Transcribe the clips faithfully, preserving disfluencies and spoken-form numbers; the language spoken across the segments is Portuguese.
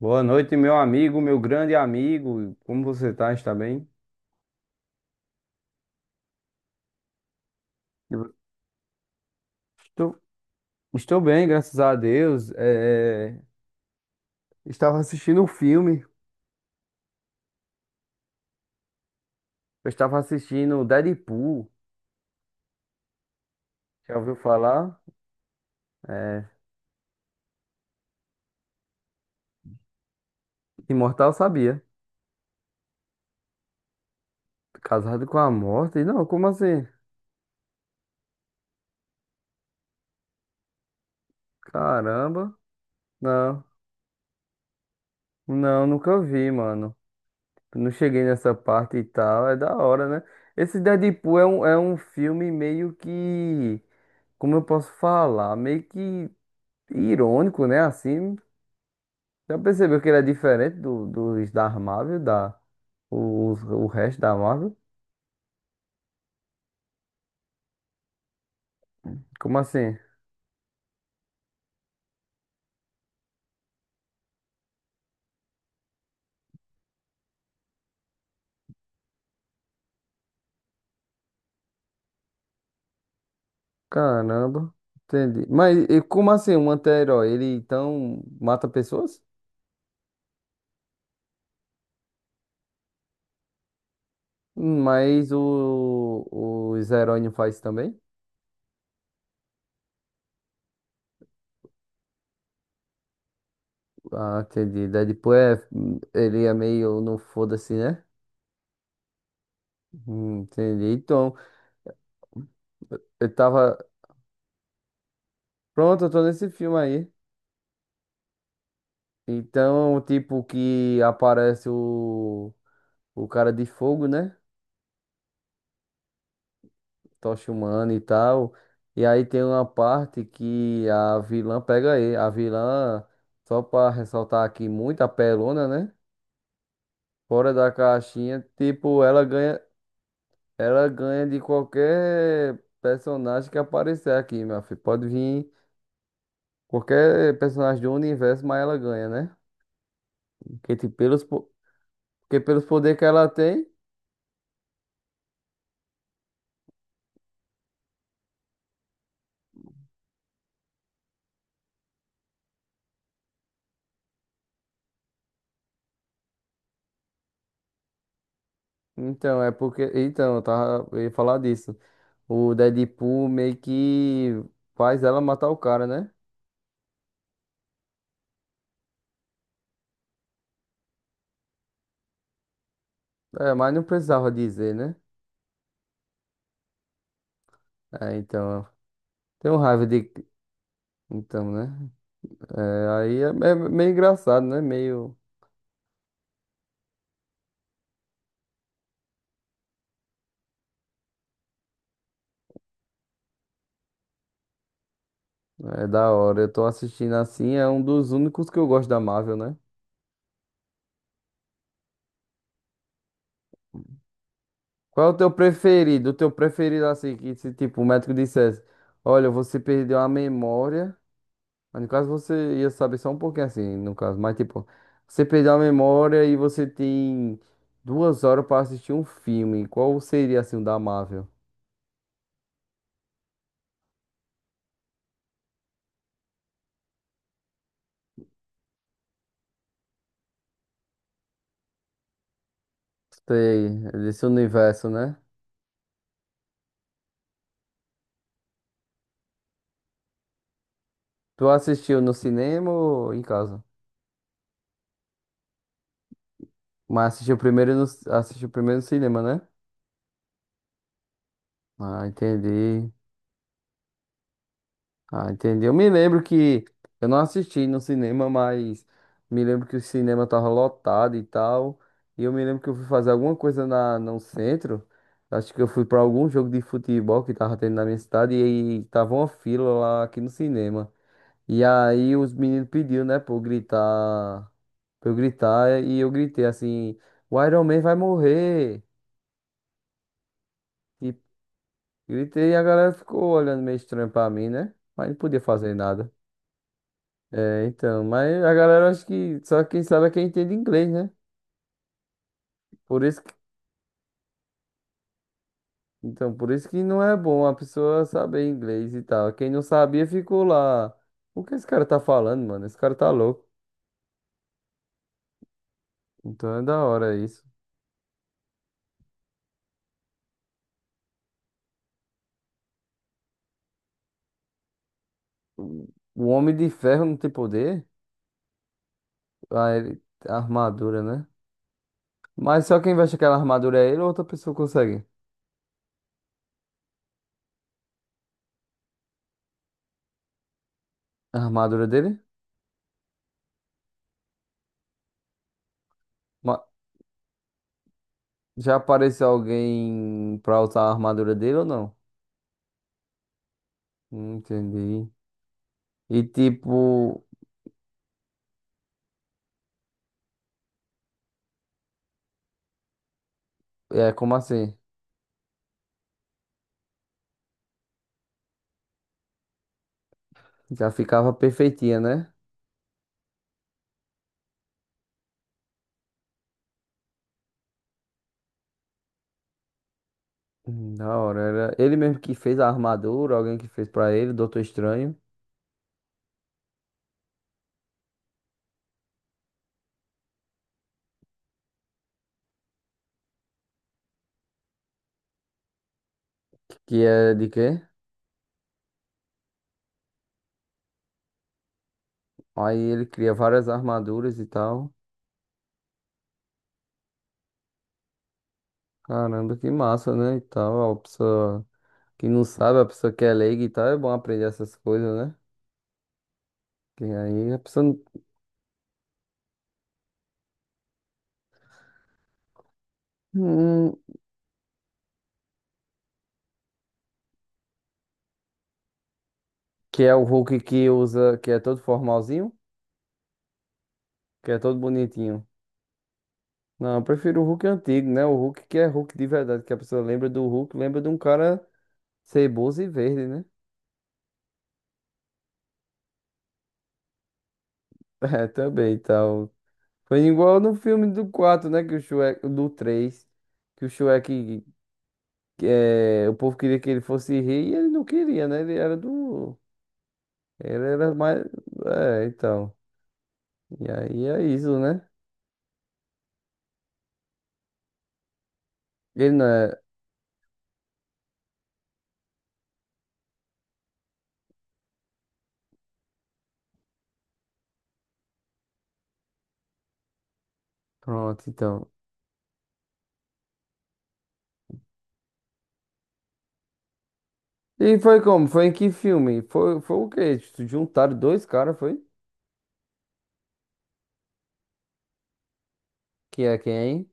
Boa noite, meu amigo, meu grande amigo. Como você tá? Está bem? Eu Estou, estou bem, graças a Deus. É, é, Estava assistindo um filme. Eu estava assistindo Deadpool. Já ouviu falar? É... Imortal sabia. Casado com a morte? Não, como assim? Caramba. Não, não, nunca vi, mano. Não cheguei nessa parte e tal. É da hora, né? Esse Deadpool é um, é um filme meio que. Como eu posso falar? Meio que irônico, né? Assim, já percebeu que ele é diferente do, dos da Marvel, da, o, o resto da Marvel? Como assim? Caramba, entendi. Mas e como assim, um anti-herói, ele então mata pessoas? Hum, Mas o, os heróis não faz também? Ah, entendi. Deadpool é, ele é meio no foda-se, né? Hum, entendi. Então, eu tava. Pronto, eu tô nesse filme aí. Então, tipo, que aparece o, o cara de fogo, né? Tocha humana e tal. E aí tem uma parte que a vilã pega ele. A vilã, só pra ressaltar aqui, muito apelona, né? Fora da caixinha, tipo, ela ganha, ela ganha de qualquer personagem que aparecer aqui, meu filho. Pode vir qualquer personagem do universo, mas ela ganha, né? Porque, tipo, pelos, Porque pelos poderes que ela tem. Então, é porque, então, eu tava. Eu ia falar disso. O Deadpool meio que faz ela matar o cara, né? É, mas não precisava dizer, né? É, então. Tenho raiva de. Então, né? É, aí é, é meio engraçado, né? Meio. É da hora. Eu tô assistindo assim, é um dos únicos que eu gosto da Marvel, né? Qual é o teu preferido? O teu preferido, assim, que se tipo o médico dissesse, olha, você perdeu a memória, mas no caso você ia saber só um pouquinho assim, no caso, mas tipo, você perdeu a memória e você tem duas horas para assistir um filme. Qual seria assim o da Marvel? Sei, desse universo, né? Tu assistiu no cinema ou em casa? Mas assistiu primeiro no, assistiu primeiro no cinema, né? Ah, entendi. Ah, entendi. Eu me lembro que eu não assisti no cinema, mas me lembro que o cinema tava lotado e tal. E eu me lembro que eu fui fazer alguma coisa na, no centro. Acho que eu fui pra algum jogo de futebol que tava tendo na minha cidade e aí tava uma fila lá aqui no cinema. E aí os meninos pediu, né, pra eu gritar, pra eu gritar e eu gritei assim, o Iron Man vai morrer. E gritei e a galera ficou olhando meio estranho pra mim, né? Mas não podia fazer nada. É, então, mas a galera acho que só quem sabe é quem entende inglês, né? Por isso que, então, por isso que não é bom a pessoa saber inglês e tal. Quem não sabia ficou lá. O que esse cara tá falando, mano? Esse cara tá louco. Então é da hora isso. O o Homem de Ferro não tem poder? Ah, ele- a armadura, né? Mas só quem veste aquela armadura é ele ou outra pessoa consegue? A armadura dele? Ma- Já apareceu alguém pra usar a armadura dele ou não? Não entendi. E tipo. É, como assim? Já ficava perfeitinha, né? Hum, da hora. Era ele mesmo que fez a armadura, alguém que fez pra ele, Doutor Estranho? Que é de quê? Aí ele cria várias armaduras e tal. Caramba, que massa, né? E tal. A pessoa que não sabe, a pessoa que é leiga e tal, é bom aprender essas coisas, né? Que aí a pessoa não. Hum, que é o Hulk que usa, que é todo formalzinho, que é todo bonitinho. Não, eu prefiro o Hulk antigo, né? O Hulk que é Hulk de verdade, que a pessoa lembra do Hulk, lembra de um cara. Ceboso e verde, né? É, também, tal. Foi igual no filme do quatro, né? Que o Shrek, do três, que o Shrek, é, o povo queria que ele fosse rei e ele não queria, né? Ele era do... Ele era mais... É, então. E aí é isso, né? Ele não é. Pronto, então. E foi como? Foi em que filme? Foi, foi o quê? Juntaram dois caras, foi? Que é quem?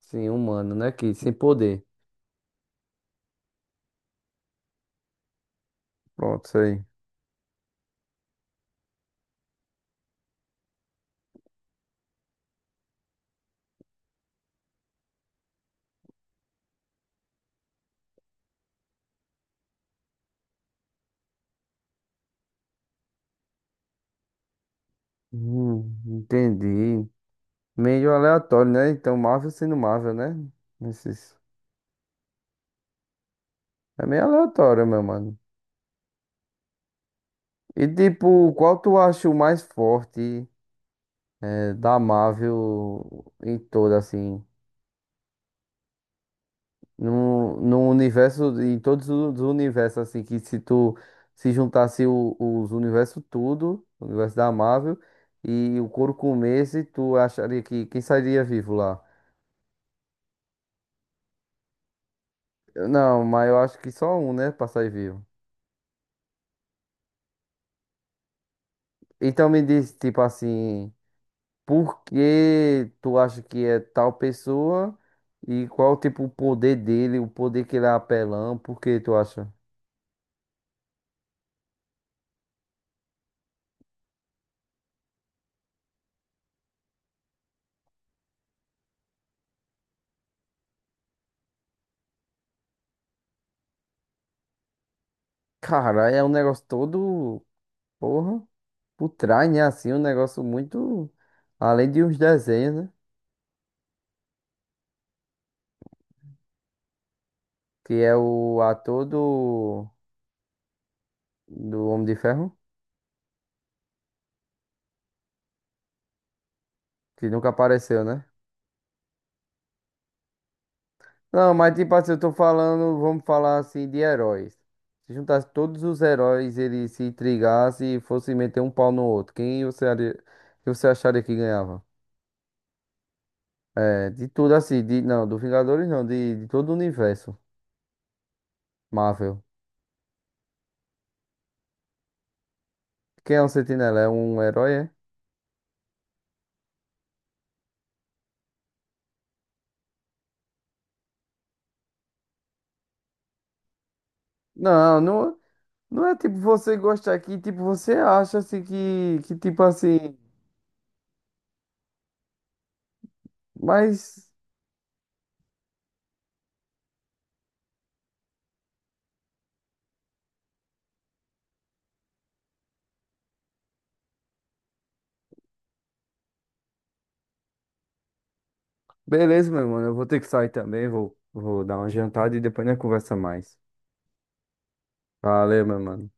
Sim, humano, né? Que sem poder. Pronto, isso aí. Hum, entendi. Meio aleatório, né? Então, Marvel sendo Marvel, né? Esses... É meio aleatório, meu mano. E tipo, qual tu acha o mais forte eh, da Marvel em todo, assim? No, no universo, em todos os universos, assim, que se tu se juntasse o- os universos tudo, o universo da Marvel, e o couro comesse, tu acharia que quem sairia vivo lá? Eu- Não, mas eu acho que só um, né, pra sair vivo. Então me diz, tipo assim, por que tu acha que é tal pessoa e qual tipo o poder dele, o poder que ele é apelão, por que tu acha? Cara, é um negócio todo, porra, por trás, né? Assim, um negócio muito além de uns desenhos, né? Que é o ator do, do Homem de Ferro, que nunca apareceu, né? Não, mas tipo assim, eu tô falando, vamos falar assim de heróis. Se juntasse todos os heróis, eles se intrigassem e fossem meter um pau no outro, quem você, aria- que você acharia que ganhava? É, de tudo assim, de, não, do Vingadores não, de, de todo o universo Marvel. Quem é um Sentinela? É um herói, é? Não, não, não é tipo você gostar aqui, tipo você acha assim que, que tipo assim, mas beleza, meu mano, eu vou ter que sair também, vou, vou dar uma jantada e depois nós conversa mais. Valeu, meu mano.